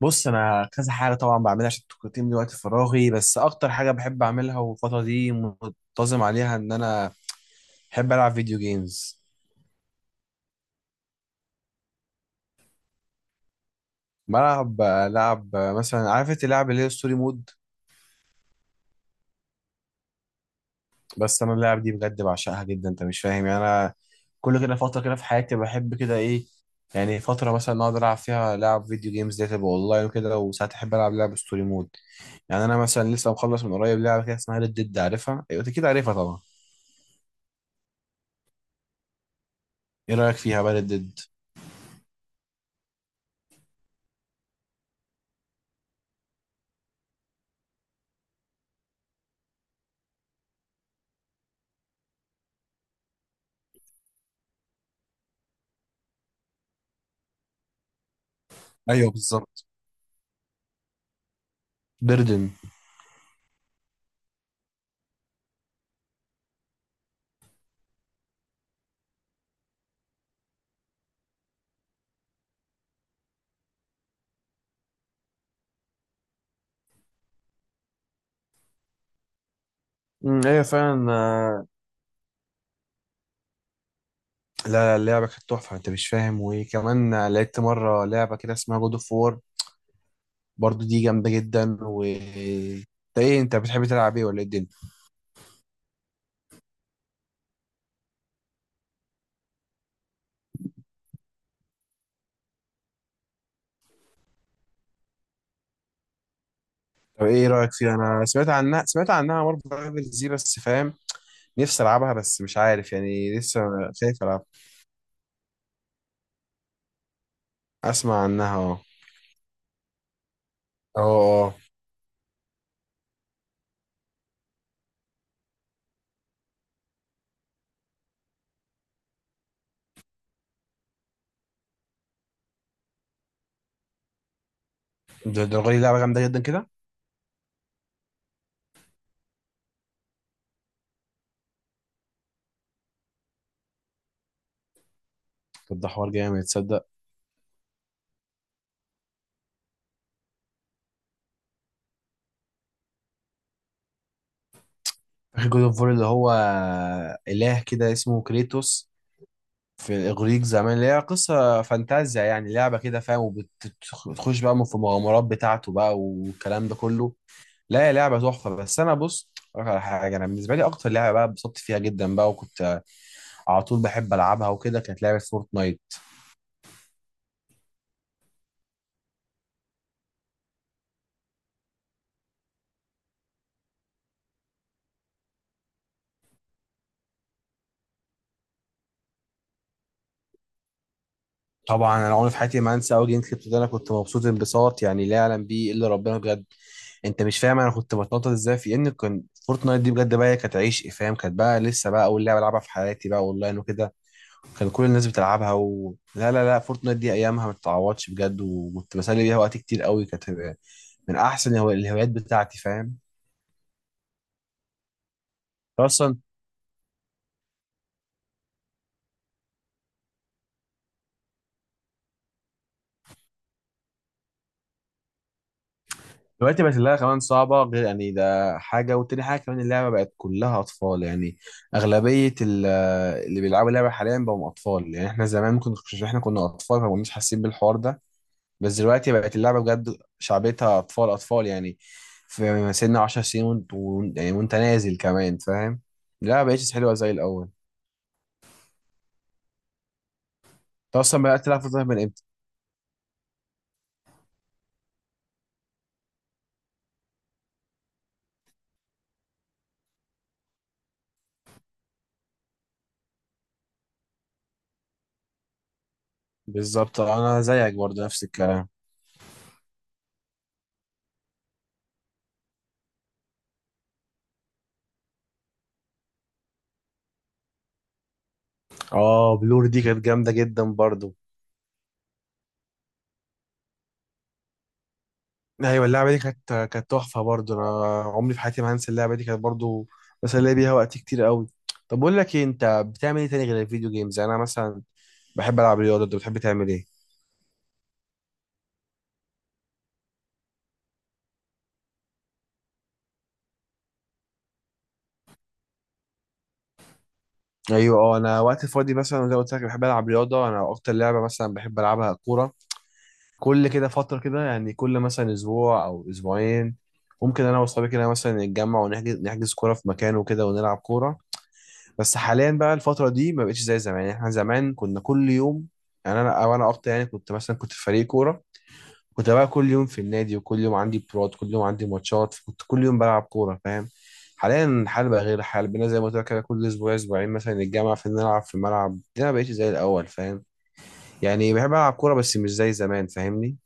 بص، انا كذا حاجه طبعا بعملها عشان التقييم دي وقت فراغي، بس اكتر حاجه بحب اعملها والفتره دي منتظم عليها ان انا بحب العب فيديو جيمز. بلعب لعب مثلا، عارف اللعب اللي هي ستوري مود. بس انا اللعب دي بجد بعشقها جدا، انت مش فاهم؟ يعني انا كل كده فتره كده في حياتي بحب كده ايه، يعني فتره مثلا اقعد العب فيها لعب فيديو جيمز دي تبقى اونلاين وكده، وساعات احب العب لعب ستوري مود. يعني انا مثلا لسه مخلص من قريب لعبه كده اسمها ريد ديد، عارفها؟ ايوه أنت كده عارفها طبعا. ايه رايك فيها بقى ريد ديد؟ ايوه بالظبط. بردن. ايوه فعلا. لا لا، اللعبه كانت تحفه، انت مش فاهم؟ وكمان لعبت مره لعبه كده اسمها جود اوف وور، برضو دي جامده جدا. و انت ايه، انت بتحب تلعب ايه ولا ايه الدنيا؟ طب ايه رايك فيها، انا سمعت عنها، سمعت عنها مره برايفل دي، بس فاهم نفسي العبها بس مش عارف يعني لسه خايف العب. اسمع عنها اه. اه. اه. ده الراجل لعبه جامده جدا كده. طب ده حوار جامد تصدق؟ فاكر جود اوف وور اللي هو اله كده اسمه كريتوس في الاغريق زمان، اللي هي قصه فانتازيا يعني، لعبه كده فاهم، وبتخش بقى في المغامرات بتاعته بقى والكلام ده كله. لا هي لعبه تحفه. بس انا بص أقولك على حاجه، انا بالنسبه لي اكتر لعبه بقى اتبسطت فيها جدا بقى وكنت على طول بحب العبها وكده كانت لعبه فورتنايت. طبعا انا عمري في حياتي ما انسى اول جيم كسبته. ده انا كنت مبسوط انبساط يعني لا يعلم بيه الا ربنا بجد. انت مش فاهم انا كنت بتنطط ازاي؟ في ان كان فورتنايت دي بجد بقى هي كانت عيش فاهم، كانت بقى لسه بقى اول لعبه العبها في حياتي بقى اونلاين وكده. كان كل الناس بتلعبها لا لا لا، فورتنايت دي ايامها ما تتعوضش بجد، وكنت بسلي بيها وقت كتير قوي. كانت من احسن الهوايات بتاعتي فاهم؟ اصلا دلوقتي بقت اللعبه كمان صعبه، غير يعني ده حاجه، وتاني حاجه كمان اللعبه بقت كلها اطفال يعني. اغلبيه اللي بيلعبوا اللعبه حاليا بقوا اطفال. يعني احنا زمان ممكن احنا كنا اطفال فما كناش حاسين بالحوار ده. بس دلوقتي بقت اللعبه بجد شعبيتها اطفال اطفال يعني. في سن 10 سنين يعني وانت نازل كمان فاهم. لا بقتش حلوه زي الاول. انت اصلا بدات تلعب فورتنايت من امتى؟ بالظبط انا زيك برضه نفس الكلام. اه بلور دي كانت جامده جدا برضه. ايوه اللعبه دي كانت تحفه برضه، انا عمري في حياتي ما هنسى اللعبه دي، كانت برضه بسلي بيها وقت كتير قوي. طب بقول لك ايه، انت بتعمل ايه تاني غير الفيديو جيمز؟ يعني انا مثلا بحب العب رياضه، انت بتحب تعمل ايه؟ ايوه اه، انا وقت فاضي مثلا زي ما قلت لك بحب العب رياضه، انا اكتر لعبه مثلا بحب العبها كوره. كل كده فترة كده، يعني كل مثلا أسبوع أو أسبوعين ممكن أنا وأصحابي كده مثلا نتجمع ونحجز كورة في مكان وكده ونلعب كورة. بس حاليا بقى الفترة دي ما بقتش زي زمان، يعني إحنا زمان كنا كل يوم، يعني أنا أو أنا أكتر يعني، كنت مثلا كنت في فريق كورة، كنت بقى كل يوم في النادي وكل يوم عندي براد، كل يوم عندي ماتشات، كنت كل يوم بلعب كورة فاهم. حاليا الحال بقى غير، الحال بقينا زي ما قلت لك كده كل أسبوع أسبوعين مثلا نتجمع في نلعب في الملعب دي، أنا ما بقتش زي الأول فاهم. يعني بحب ألعب كورة بس مش زي زمان فاهمني؟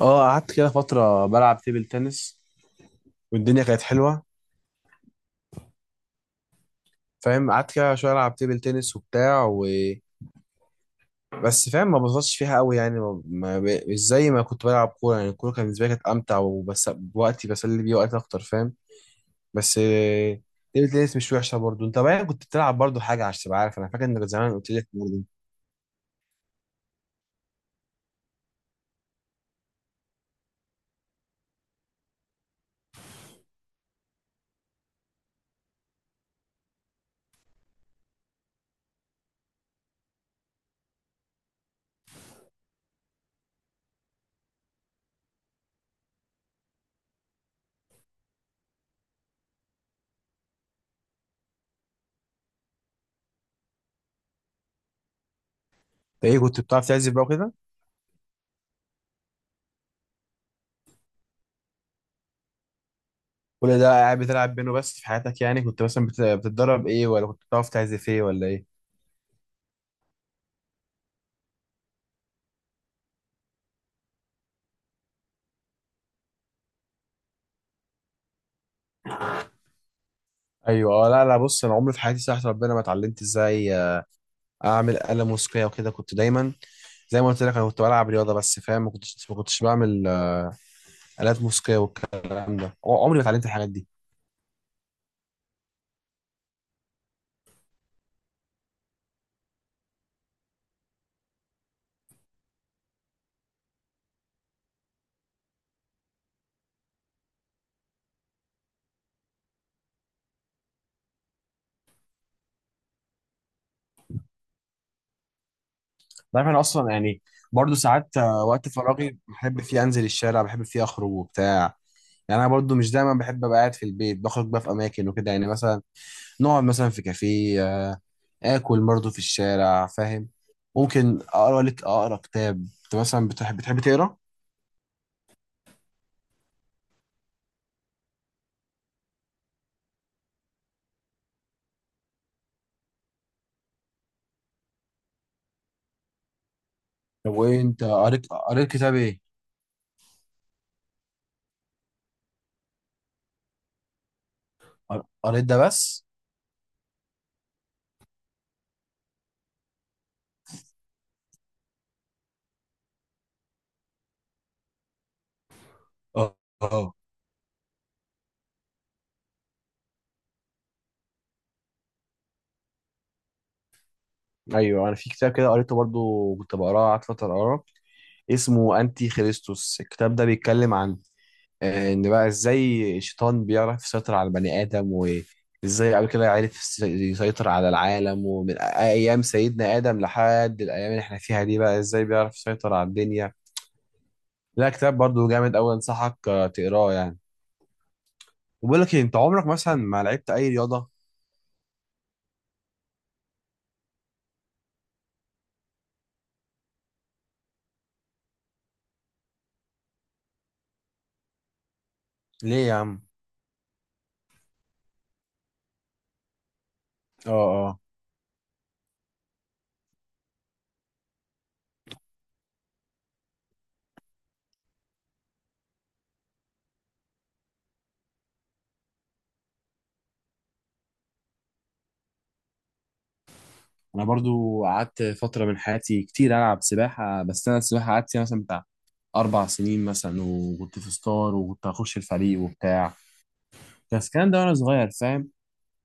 اه قعدت كده فترة بلعب تيبل تنس، والدنيا كانت حلوة فاهم، قعدت كده شوية ألعب تيبل تنس وبتاع و بس فاهم ما ببسطش فيها قوي يعني ما... ما... ب... مش زي ما كنت بلعب كورة. يعني الكورة كانت بالنسبة لي كانت أمتع، وبس وقتي بسلي بيه وقت أكتر فاهم. بس تيبل تنس مش وحشة برضه. أنت بقى كنت بتلعب برضه حاجة عشان تبقى عارف، أنا فاكر إنك زمان قلت لي برضه أنت إيه كنت بتعرف تعزف بقى وكده، كل ده قاعد بتلعب بينه بس في حياتك، يعني كنت مثلا بتتدرب إيه، ولا كنت بتعرف تعزف إيه ولا إيه؟ ايوه لا لا، بص انا عمري في حياتي صراحه ربنا ما اتعلمت ازاي اعمل آلة موسيقيه وكده. كنت دايما زي ما قلت لك انا كنت بلعب رياضه، بس فاهم ما كنتش بعمل آلات موسيقيه والكلام ده. عمري ما اتعلمت الحاجات دي. عارف انا اصلا يعني، برضو ساعات وقت فراغي بحب فيه انزل الشارع، بحب فيه اخرج وبتاع. يعني انا برضو مش دايما بحب ابقى قاعد في البيت، بخرج بقى في اماكن وكده. يعني مثلا نقعد مثلا في كافيه، اكل برضو في الشارع فاهم. ممكن اقرا لك اقرا كتاب. انت مثلا بتحب تقرا؟ طب وايه، انت قريت قريت كتاب ايه؟ قريت ده بس؟ اه اه. ايوه انا في كتاب كده قريته برضو، كنت بقراه قعدت فتره اقراه اسمه انتي خريستوس. الكتاب ده بيتكلم عن ان بقى ازاي الشيطان بيعرف يسيطر على البني ادم، وازاي قبل كده عرف يسيطر على العالم، ومن ايام سيدنا ادم لحد الايام اللي احنا فيها دي بقى ازاي بيعرف يسيطر على الدنيا. لا كتاب برضو جامد قوي، انصحك تقراه يعني. وبقول لك إيه، انت عمرك مثلا ما لعبت اي رياضه؟ ليه يا عم؟ اه انا برضو قعدت فتره من حياتي كتير العب سباحه، بس انا السباحه قعدت فيها مثلا بتاع 4 سنين مثلا، وكنت في ستار وكنت هخش الفريق وبتاع، بس الكلام ده وانا صغير فاهم.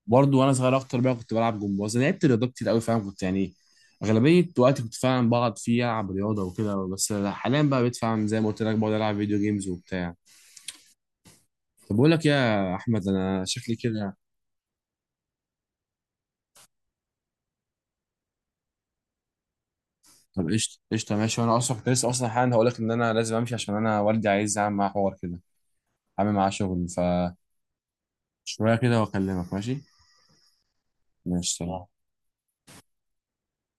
برضو وانا صغير اكتر بقى كنت بلعب جمباز، أنا لعبت رياضات كتير قوي فاهم، كنت يعني اغلبيه وقتي كنت فعلا بقعد فيه العب رياضه وكده. بس حاليا بقى بقيت فعلا زي ما قلت لك بقعد العب فيديو جيمز وبتاع. طب بقول لك إيه يا احمد، انا شكلي كده. طب قشطه قشطه ماشي، وانا اصلا كنت لسه اصلا حالا هقول لك ان انا لازم امشي، عشان انا والدي عايز اعمل معاه حوار كده، عامل معاه شغل ف شوية كده وأكلمك ماشي. ماشي سلام.